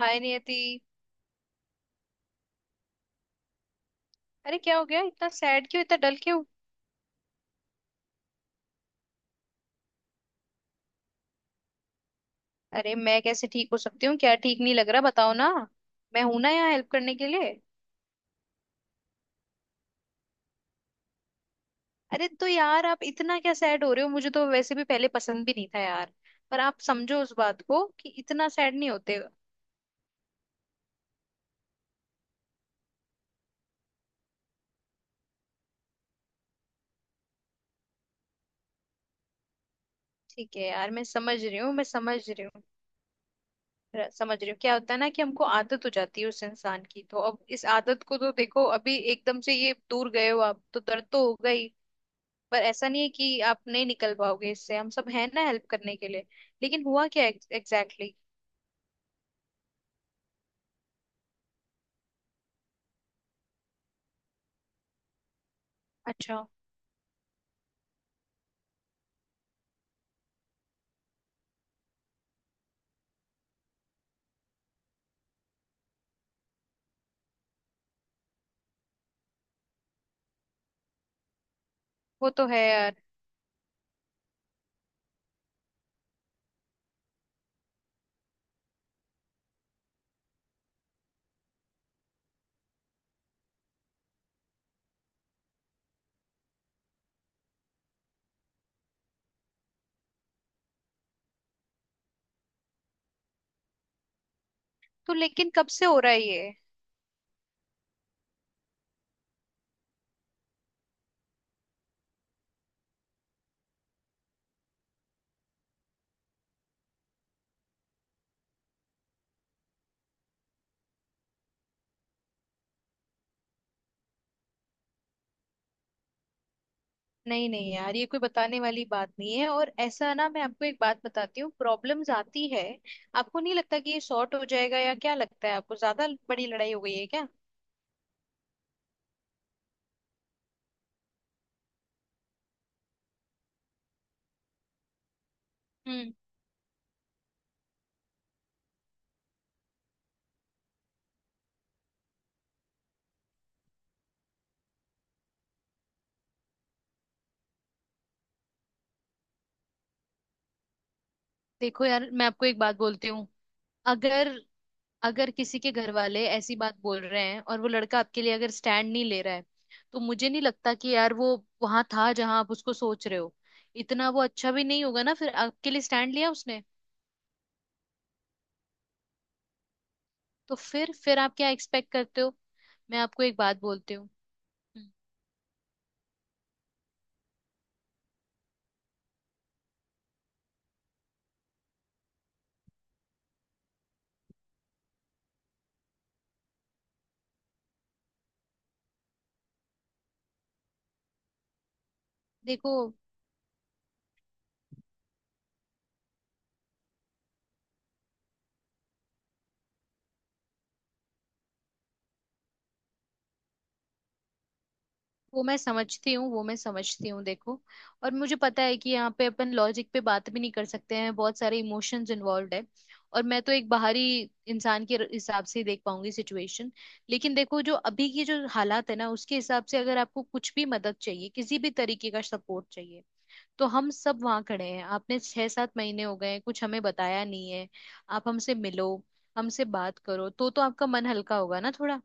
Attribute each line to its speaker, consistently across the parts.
Speaker 1: हाय नियति। अरे क्या हो गया इतना सैड क्यों इतना डल क्यों। अरे मैं कैसे ठीक हो सकती हूँ क्या ठीक नहीं लग रहा बताओ ना। मैं हूं ना यहाँ हेल्प करने के लिए। अरे तो यार आप इतना क्या सैड हो रहे हो मुझे तो वैसे भी पहले पसंद भी नहीं था यार। पर आप समझो उस बात को कि इतना सैड नहीं होते। ठीक है यार मैं समझ रही हूँ मैं समझ रही हूँ। समझ रही हूँ क्या होता है ना कि हमको आदत हो जाती है उस इंसान की तो अब इस आदत को तो देखो अभी एकदम से ये दूर गए हो आप तो दर्द तो होगा ही। पर ऐसा नहीं है कि आप नहीं निकल पाओगे इससे हम सब हैं ना हेल्प करने के लिए। लेकिन हुआ क्या एग्जैक्टली exactly? अच्छा। वो तो है यार। तो लेकिन कब से हो रहा है ये। नहीं नहीं यार ये कोई बताने वाली बात नहीं है और ऐसा ना मैं आपको एक बात बताती हूँ प्रॉब्लम्स आती है। आपको नहीं लगता कि ये सॉर्ट हो जाएगा या क्या लगता है आपको ज्यादा बड़ी लड़ाई हो गई है क्या। हम्म। देखो यार मैं आपको एक बात बोलती हूँ। अगर अगर किसी के घर वाले ऐसी बात बोल रहे हैं और वो लड़का आपके लिए अगर स्टैंड नहीं ले रहा है। तो मुझे नहीं लगता कि यार वो वहां था जहां आप उसको सोच रहे हो। इतना वो अच्छा भी नहीं होगा ना फिर आपके लिए स्टैंड लिया उसने। तो फिर आप क्या एक्सपेक्ट करते हो। मैं आपको एक बात बोलती हूँ। हम्म। देखो वो मैं समझती हूँ वो मैं समझती हूँ देखो। और मुझे पता है कि यहाँ पे अपन लॉजिक पे बात भी नहीं कर सकते हैं बहुत सारे इमोशंस इन्वॉल्व है। और मैं तो एक बाहरी इंसान के हिसाब से ही देख पाऊंगी सिचुएशन। लेकिन देखो जो अभी की जो हालात है ना उसके हिसाब से अगर आपको कुछ भी मदद चाहिए किसी भी तरीके का सपोर्ट चाहिए। तो हम सब वहाँ खड़े हैं आपने छह सात महीने हो गए हैं, कुछ हमें बताया नहीं है। आप हमसे मिलो। हमसे बात करो तो आपका मन हल्का होगा ना थोड़ा।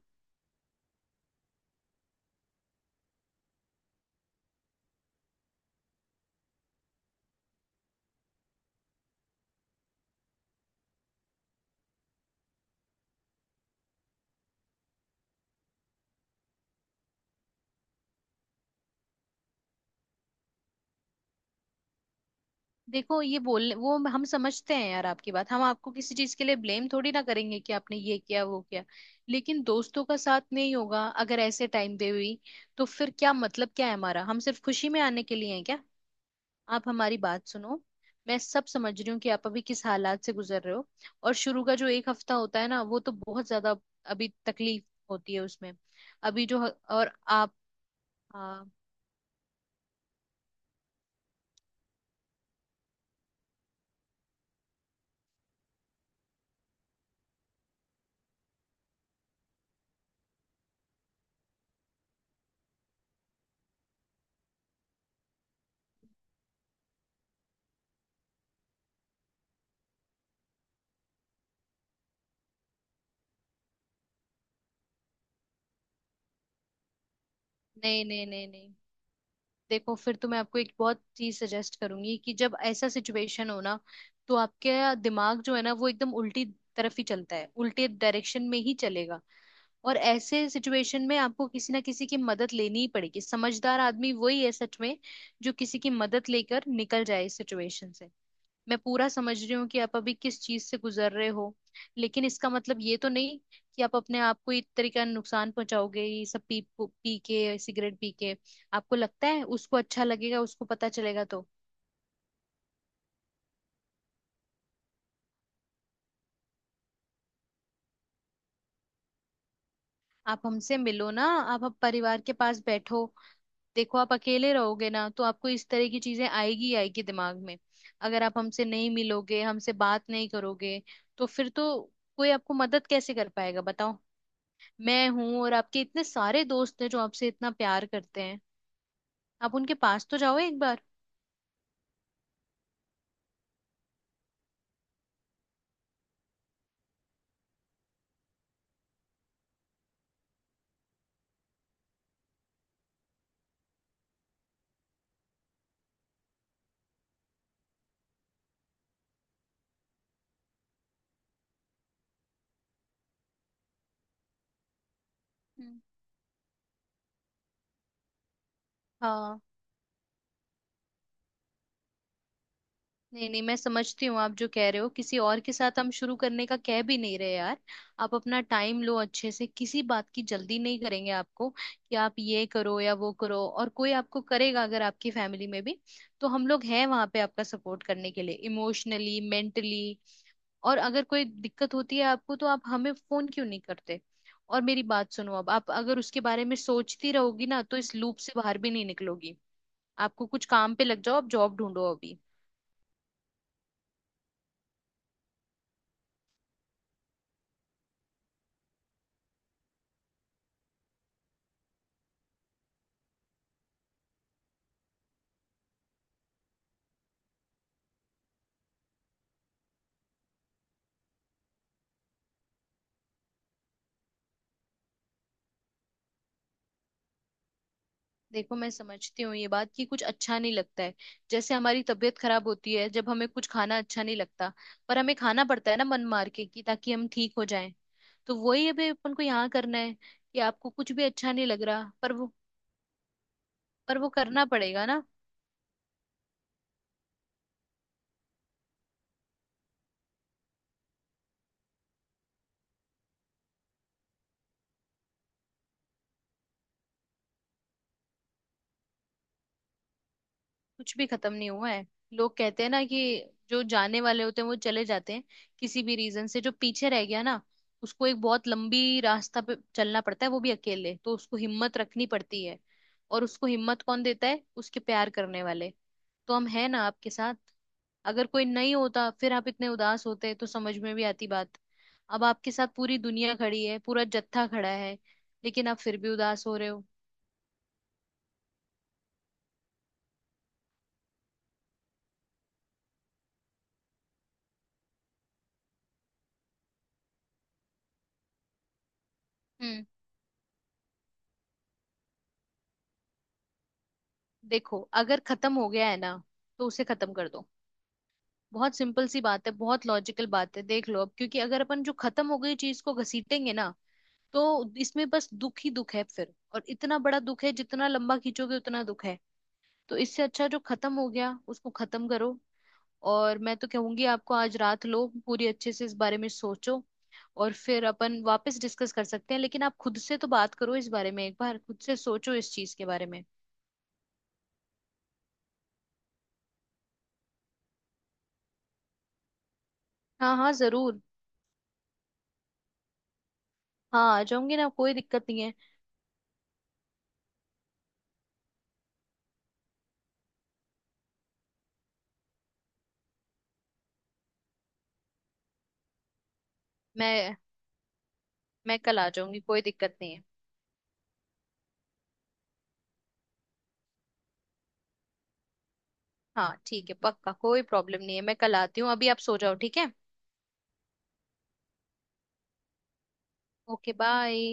Speaker 1: देखो ये बोल वो हम समझते हैं यार आपकी बात हम आपको किसी चीज के लिए ब्लेम थोड़ी ना करेंगे कि आपने ये किया वो किया। लेकिन दोस्तों का साथ नहीं होगा अगर ऐसे टाइम पे हुई। तो फिर क्या मतलब क्या है हमारा हम सिर्फ खुशी में आने के लिए हैं क्या। आप हमारी बात सुनो। मैं सब समझ रही हूँ कि आप अभी किस हालात से गुजर रहे हो। और शुरू का जो एक हफ्ता होता है ना वो तो बहुत ज्यादा अभी तकलीफ होती है उसमें। अभी जो और आप हाँ। नहीं नहीं नहीं नहीं। देखो फिर तो मैं आपको एक बहुत चीज सजेस्ट करूंगी कि जब ऐसा सिचुएशन हो ना। तो आपके दिमाग जो है ना वो एकदम उल्टी तरफ ही चलता है उल्टे डायरेक्शन में ही चलेगा। और ऐसे सिचुएशन में आपको किसी ना किसी की मदद लेनी ही पड़ेगी समझदार आदमी वही है सच में जो किसी की मदद लेकर निकल जाए इस सिचुएशन से। मैं पूरा समझ रही हूँ कि आप अभी किस चीज से गुजर रहे हो। लेकिन इसका मतलब ये तो नहीं कि आप अपने आप को इस तरीके का नुकसान पहुंचाओगे ये सब पी पी के सिगरेट पी के। आपको लगता है उसको अच्छा लगेगा उसको पता चलेगा तो। आप हमसे मिलो ना आप परिवार के पास बैठो। देखो आप अकेले रहोगे ना तो आपको इस तरह की चीजें आएगी ही आएगी दिमाग में। अगर आप हमसे नहीं मिलोगे हमसे बात नहीं करोगे तो फिर तो कोई आपको मदद कैसे कर पाएगा बताओ। मैं हूं और आपके इतने सारे दोस्त हैं जो आपसे इतना प्यार करते हैं। आप उनके पास तो जाओ एक बार। हम्म, हाँ। नहीं नहीं मैं समझती हूँ आप जो कह रहे हो किसी और के साथ हम शुरू करने का कह भी नहीं रहे यार। आप अपना टाइम लो अच्छे से किसी बात की जल्दी नहीं करेंगे आपको कि आप ये करो या वो करो और कोई आपको करेगा अगर आपकी फैमिली में भी। तो हम लोग हैं वहां पे आपका सपोर्ट करने के लिए इमोशनली मेंटली। और अगर कोई दिक्कत होती है आपको तो आप हमें फोन क्यों नहीं करते। और मेरी बात सुनो अब आप अगर उसके बारे में सोचती रहोगी ना तो इस लूप से बाहर भी नहीं निकलोगी। आपको कुछ काम पे लग जाओ आप जॉब ढूंढो अभी। देखो मैं समझती हूँ ये बात कि कुछ अच्छा नहीं लगता है। जैसे हमारी तबीयत खराब होती है जब हमें कुछ खाना अच्छा नहीं लगता। पर हमें खाना पड़ता है ना मन मार के कि ताकि हम ठीक हो जाएं। तो वही अभी अपन को यहाँ करना है। कि आपको कुछ भी अच्छा नहीं लग रहा पर वो करना पड़ेगा ना। कुछ भी खत्म नहीं हुआ है। लोग कहते हैं ना कि जो जाने वाले होते हैं वो चले जाते हैं। किसी भी रीजन से जो पीछे रह गया ना उसको एक बहुत लंबी रास्ता पे चलना पड़ता है वो भी अकेले तो उसको हिम्मत रखनी पड़ती है। और उसको हिम्मत कौन देता है उसके प्यार करने वाले। तो हम हैं ना आपके साथ। अगर कोई नहीं होता फिर आप इतने उदास होते तो समझ में भी आती बात। अब आपके साथ पूरी दुनिया खड़ी है पूरा जत्था खड़ा है। लेकिन आप फिर भी उदास हो रहे हो। हम्म। देखो अगर खत्म हो गया है ना तो उसे खत्म कर दो। बहुत सिंपल सी बात है बहुत लॉजिकल बात है देख लो अब क्योंकि अगर अपन जो खत्म हो गई चीज को घसीटेंगे ना तो इसमें बस दुख ही दुख है फिर और इतना बड़ा दुख है जितना लंबा खींचोगे उतना दुख है। तो इससे अच्छा जो खत्म हो गया उसको खत्म करो। और मैं तो कहूंगी आपको आज रात लो पूरी अच्छे से इस बारे में सोचो। और फिर अपन वापस डिस्कस कर सकते हैं लेकिन आप खुद से तो बात करो इस बारे में एक बार खुद से सोचो इस चीज के बारे में। हाँ हाँ जरूर। हाँ आ जाऊंगी ना कोई दिक्कत नहीं है। मैं मैं कल आ जाऊंगी कोई दिक्कत नहीं है। हाँ ठीक है पक्का कोई प्रॉब्लम नहीं है मैं कल आती हूँ अभी आप सो जाओ ठीक है। Okay bye.